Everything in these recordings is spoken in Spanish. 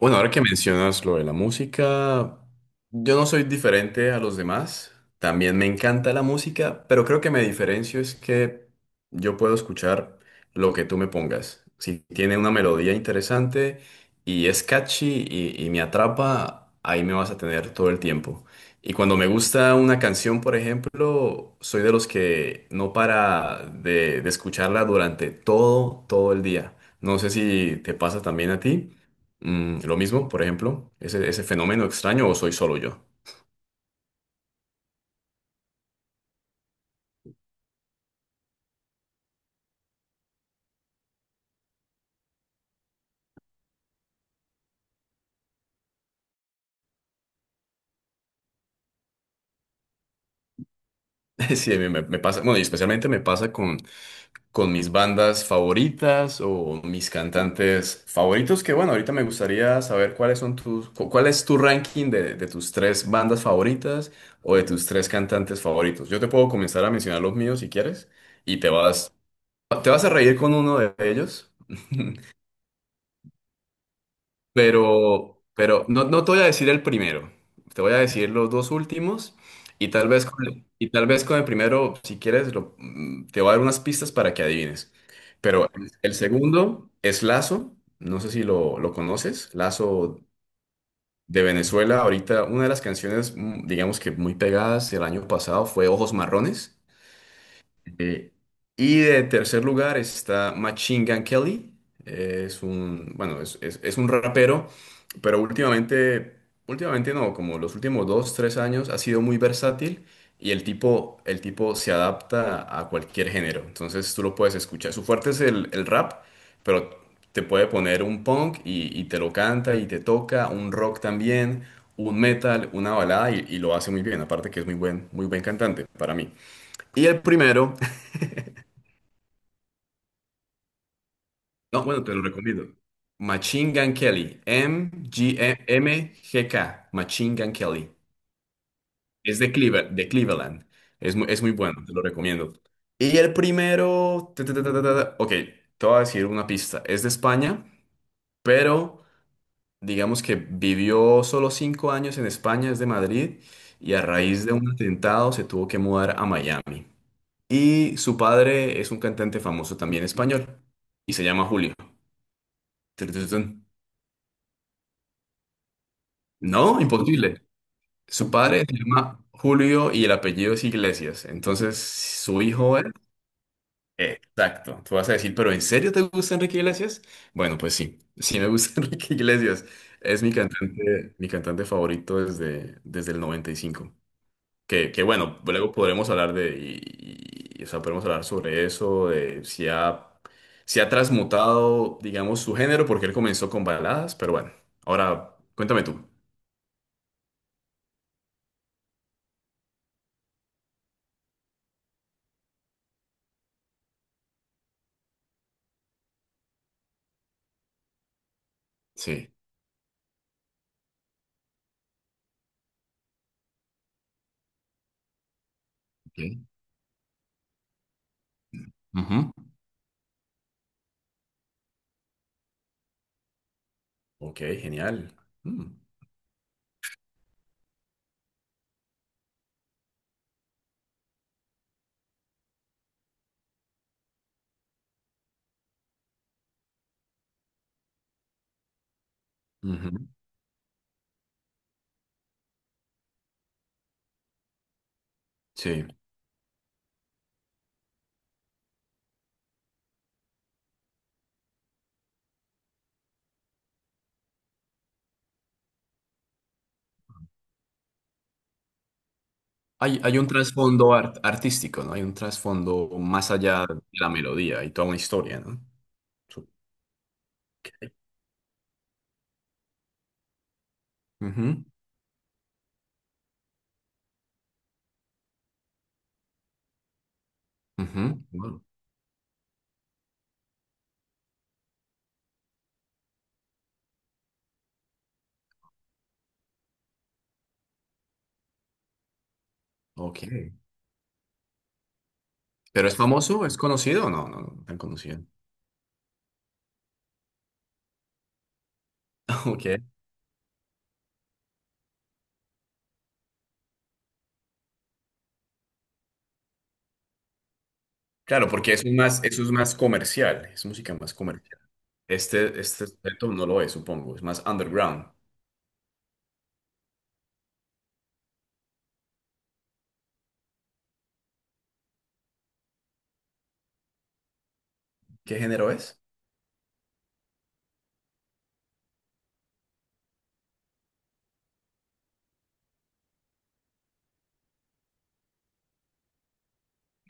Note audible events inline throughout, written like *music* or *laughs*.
Bueno, ahora que mencionas lo de la música, yo no soy diferente a los demás. También me encanta la música, pero creo que me diferencio es que yo puedo escuchar lo que tú me pongas. Si tiene una melodía interesante y es catchy y me atrapa, ahí me vas a tener todo el tiempo. Y cuando me gusta una canción, por ejemplo, soy de los que no para de escucharla durante todo el día. No sé si te pasa también a ti. Lo mismo, por ejemplo, ese fenómeno extraño o soy solo yo. *laughs* Sí, a mí me pasa, bueno, y especialmente me pasa con mis bandas favoritas o mis cantantes favoritos, que bueno, ahorita me gustaría saber cuáles son cuál es tu ranking de tus tres bandas favoritas o de tus tres cantantes favoritos. Yo te puedo comenzar a mencionar los míos si quieres y te vas a reír con uno de ellos. *laughs* Pero no, no te voy a decir el primero, te voy a decir los dos últimos y tal vez con el primero, si quieres, te voy a dar unas pistas para que adivines. Pero el segundo es Lazo, no sé si lo conoces, Lazo de Venezuela. Ahorita una de las canciones, digamos que muy pegadas el año pasado, fue Ojos Marrones. Eh, y de tercer lugar está Machine Gun Kelly. Bueno, es un rapero, pero últimamente no, como los últimos dos, tres años, ha sido muy versátil y el tipo se adapta a cualquier género. Entonces tú lo puedes escuchar. Su fuerte es el rap, pero te puede poner un punk y te lo canta y te toca, un rock también, un metal, una balada y lo hace muy bien. Aparte que es muy buen cantante para mí. Y el primero. No, bueno, te lo recomiendo. Machine Gun Kelly. M-G-M-G-K. Machine Gun Kelly. Es de Cleveland, de Cleveland. Es muy bueno, te lo recomiendo. Y el primero. Ta, ta, ta, ta, ta, ta, ta. Ok, te voy a decir una pista. Es de España, pero digamos que vivió solo 5 años en España, es de Madrid, y a raíz de un atentado se tuvo que mudar a Miami. Y su padre es un cantante famoso también español, y se llama Julio. Tun, tun, tun. No, imposible. Su padre se llama Julio y el apellido es Iglesias. Entonces, su hijo es... Exacto. Tú vas a decir, ¿pero en serio te gusta Enrique Iglesias? Bueno, pues sí, sí me gusta *laughs* Enrique Iglesias. Es mi cantante favorito desde el 95. Que bueno, luego podremos hablar de... O sea, podemos hablar sobre eso, de si ha, transmutado, digamos, su género, porque él comenzó con baladas, pero bueno. Ahora, cuéntame tú. Sí. Ok. Ujú. Ok, genial. Mm. Ujú. Sí. Hay un trasfondo artístico, ¿no? Hay un trasfondo más allá de la melodía y toda una historia, ¿no? su- Ujú, ujú. Bueno, ok. ¿Pero es famoso? ¿Es conocido? No, no, no, no tan conocido. *laughs* Ok. Claro, porque eso es más comercial, es música más comercial. Este aspecto no lo es, supongo. Es más underground. ¿Qué género es?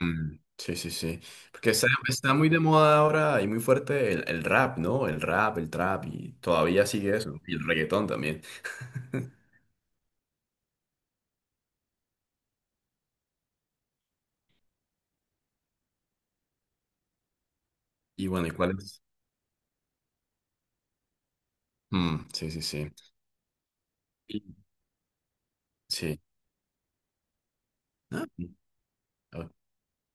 Mm, sí, sí, sí. Porque está muy de moda ahora y muy fuerte el rap, ¿no? El rap, el trap y todavía sigue eso. Y el reggaetón también. *laughs* Y bueno, ¿y cuál es? Mm, sí, sí, sí. Y- Sí. Ah, ok.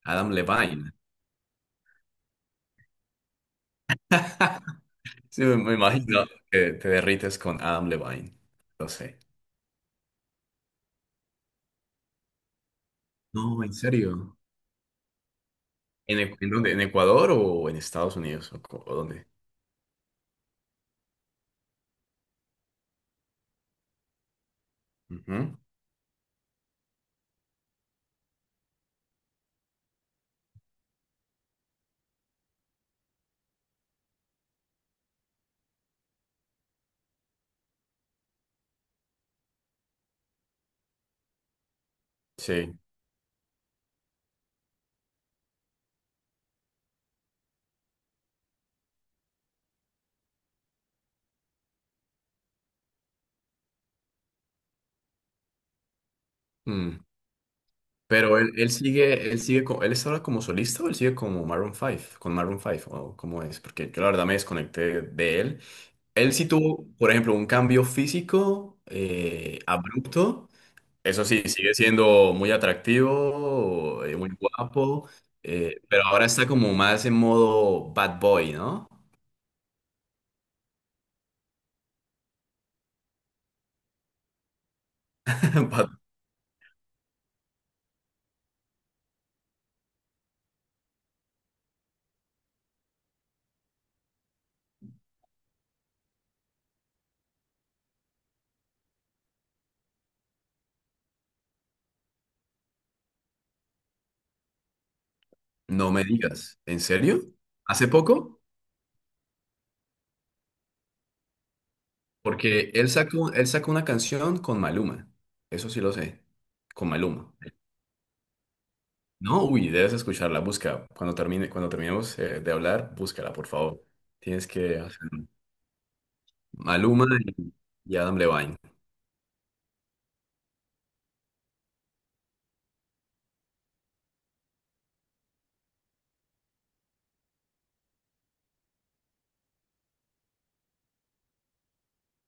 Adam Levine. *laughs* Sí, me imagino que te derrites con Adam Levine. Lo sé. No, ¿en serio? ¿En dónde? ¿En Ecuador o en Estados Unidos? ¿O dónde? Ujú. Sí. Mm. Pero él sigue, él está ahora como solista, o él sigue como Maroon 5, con Maroon 5, o cómo es, porque yo la verdad me desconecté de él. Él sí tuvo, por ejemplo, un cambio físico abrupto. Eso sí, sigue siendo muy atractivo, muy guapo, pero ahora está como más en modo bad boy, ¿no? *laughs* Bad- No me digas, ¿en serio? ¿Hace poco? Porque él sacó una canción con Maluma, eso sí lo sé, con Maluma. No, uy, debes escucharla, busca. Cuando termine, cuando terminemos de hablar, búscala, por favor. Tienes que hacer Maluma y Adam Levine.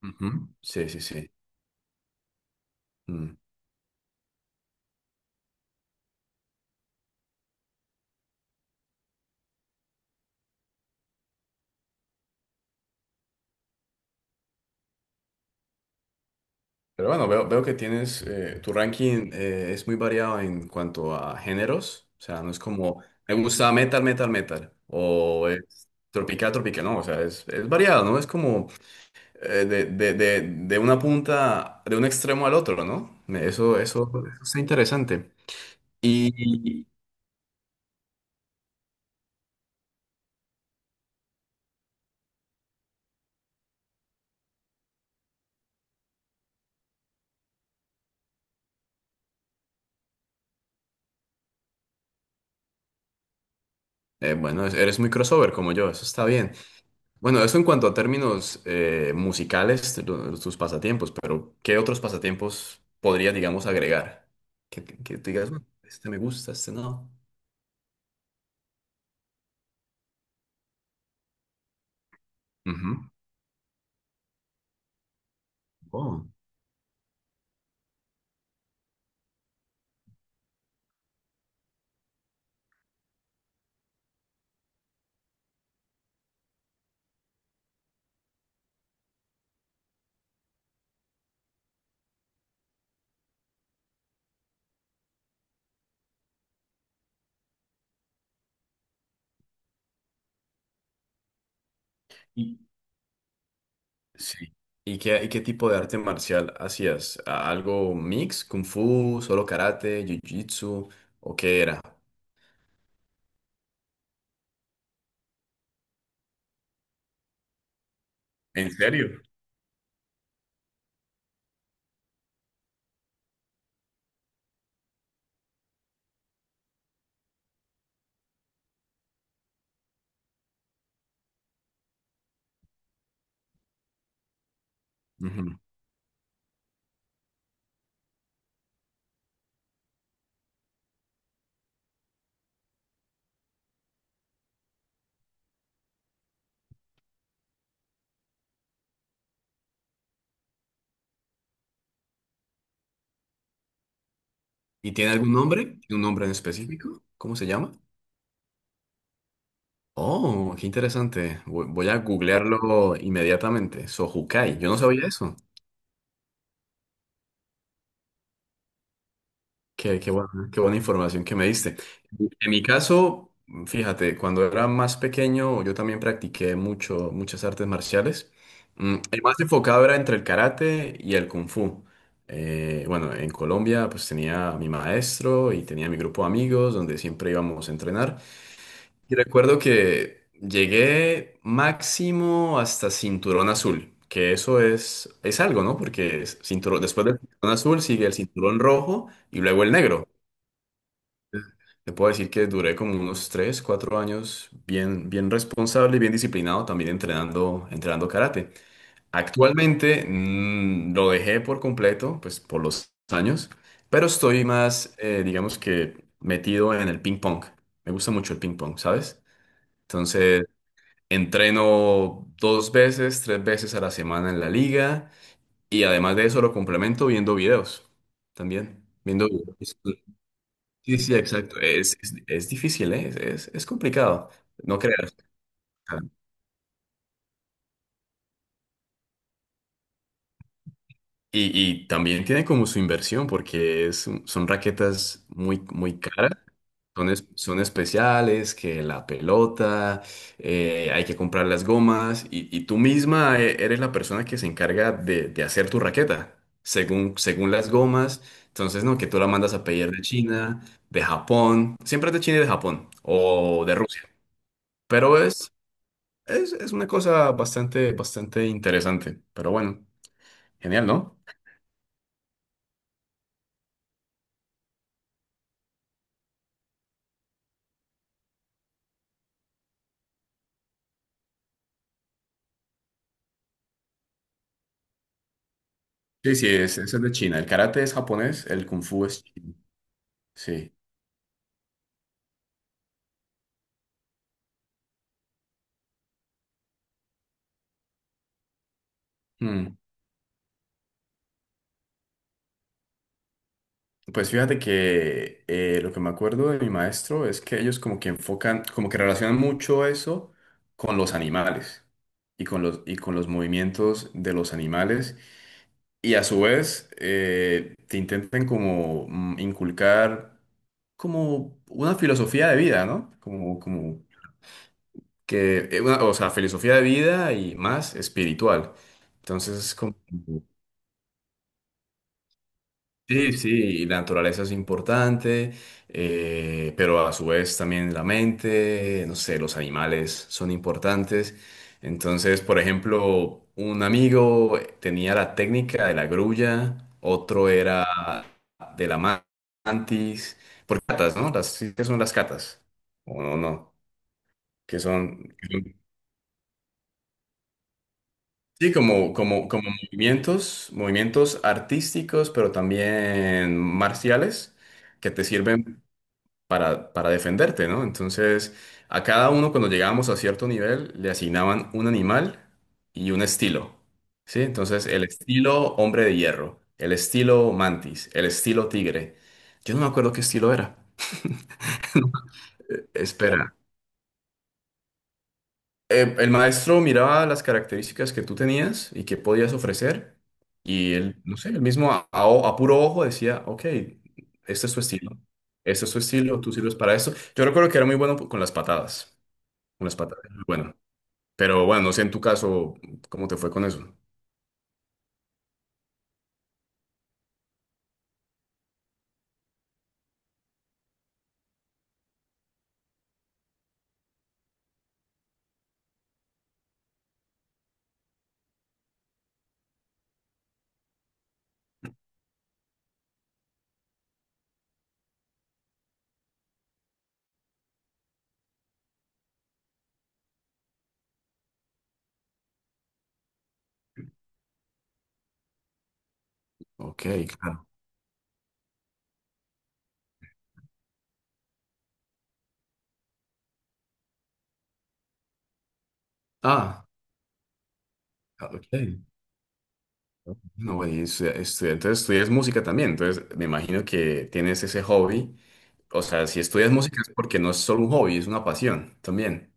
Ujú. Sí, sí, sí. Mm. Pero bueno, veo que tienes, tu ranking, es muy variado en cuanto a géneros. O sea, no es como, me gusta metal, metal, metal. O es tropical, tropical. No, o sea, es variado, ¿no? Es como de una punta, de un extremo al otro, ¿no? Eso está interesante. Y, bueno, eres muy crossover como yo, eso está bien. Bueno, eso en cuanto a términos, musicales, tus pasatiempos, pero ¿qué otros pasatiempos podrías, digamos, agregar? Que tú digas, "Bueno, este me gusta, este no". Ujú. Oh. Y, sí. ¿Y qué tipo de arte marcial hacías? ¿Algo mix? ¿Kung Fu? ¿Solo karate? ¿Jiu-jitsu? ¿O qué era? ¿En serio? Ujú. ¿Y tiene algún nombre? ¿Tiene un nombre en específico? ¿Cómo se llama? Oh, qué interesante. Voy a googlearlo inmediatamente. Sojukai. Yo no sabía eso. Qué buena información que me diste. En mi caso, fíjate, cuando era más pequeño, yo también practiqué mucho, muchas artes marciales. El más enfocado era entre el karate y el kung fu. Bueno, en Colombia, pues tenía a mi maestro y tenía mi grupo de amigos donde siempre íbamos a entrenar. Y recuerdo que llegué máximo hasta cinturón azul, que eso es algo, ¿no? Porque es cinturón, después del cinturón azul sigue el cinturón rojo y luego el negro. Te puedo decir que duré como unos 3 4 años bien, bien responsable y bien disciplinado, también entrenando karate. Actualmente, lo dejé por completo, pues por los años, pero estoy más, digamos, que metido en el ping pong. Me gusta mucho el ping pong, ¿sabes? Entonces entreno 2 veces, 3 veces a la semana en la liga, y además de eso lo complemento viendo videos también, viendo videos. Sí, sí, exacto. Es difícil, ¿eh? Es complicado, no creas. Y, y también tiene como su inversión, porque es, son raquetas muy, muy caras. Son especiales, que la pelota, hay que comprar las gomas, y tú misma, eres la persona que se encarga de hacer tu raqueta, según las gomas. Entonces, no, que tú la mandas a pedir de China, de Japón, siempre es de China y de Japón o de Rusia. Pero es una cosa bastante, bastante interesante. Pero bueno, genial, ¿no? Sí, sí, es, eso es de China. El karate es japonés, el kung fu es chino. Sí. Mm. Pues fíjate que, lo que me acuerdo de mi maestro es que ellos como que enfocan, como que relacionan mucho eso con los animales, y con los movimientos de los animales, y a su vez, te intenten como, inculcar como una filosofía de vida, ¿no? Como que, o sea, filosofía de vida y más espiritual. Entonces, es como... Sí, sí, y la naturaleza es importante, pero a su vez también la mente, no sé, los animales son importantes. Entonces, por ejemplo, un amigo tenía la técnica de la grulla, otro era de la mantis, por catas, ¿no? Sí, ¿qué son las catas? ¿O no, no? Que son, que son- sí, como movimientos, movimientos artísticos, pero también marciales, que te sirven para defenderte, ¿no? Entonces, a cada uno, cuando llegábamos a cierto nivel, le asignaban un animal y un estilo, ¿sí? Entonces, el estilo hombre de hierro, el estilo mantis, el estilo tigre. Yo no me acuerdo qué estilo era. Espera. El maestro miraba las características que tú tenías y que podías ofrecer, y él, no sé, el mismo a puro ojo decía, ok, este es tu estilo. Este es tu estilo, tú sirves para esto. Yo recuerdo que era muy bueno con las patadas. Unas patatas. Bueno, pero bueno, no sé en tu caso cómo te fue con eso. Ok, claro. Ah, ok. No, bueno, y entonces estudias música también, entonces me imagino que tienes ese hobby. O sea, si estudias música es porque no es solo un hobby, es una pasión también.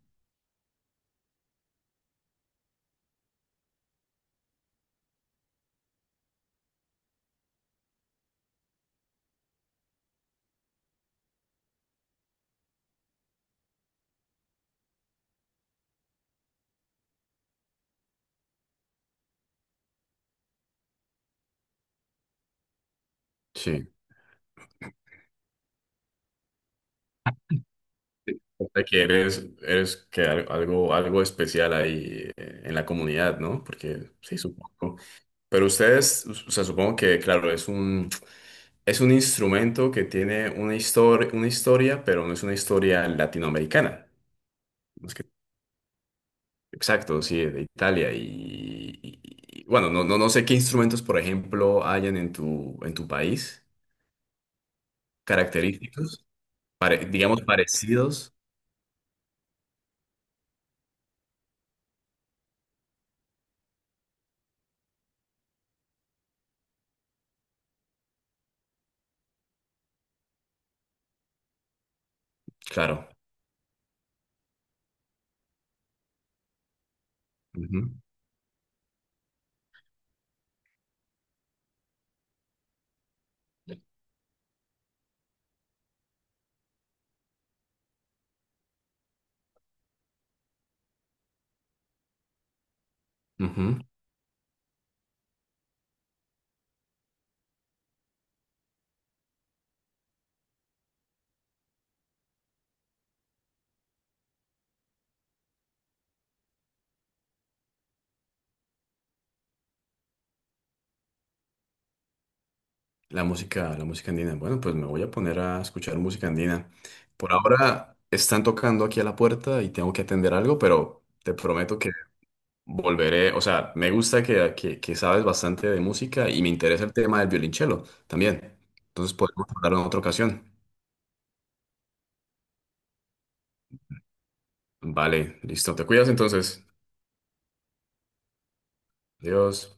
Sí. O sea, que eres, eres algo especial ahí, en la comunidad, ¿no? Porque sí, supongo. Pero ustedes, o sea, supongo que, claro, es un... Es un instrumento que tiene una historia, pero no es una historia latinoamericana. No es que- exacto, sí, de Italia. Y, bueno, no, no, no sé qué instrumentos, por ejemplo, hayan en en tu país, característicos, digamos, parecidos. Claro. Ujú, ujú. La música andina. Bueno, pues me voy a poner a escuchar música andina. Por ahora están tocando aquí a la puerta y tengo que atender algo, pero te prometo que volveré. O sea, me gusta que, sabes bastante de música, y me interesa el tema del violonchelo también. Entonces podemos hablar en otra ocasión. Vale, listo. Te cuidas entonces. Adiós.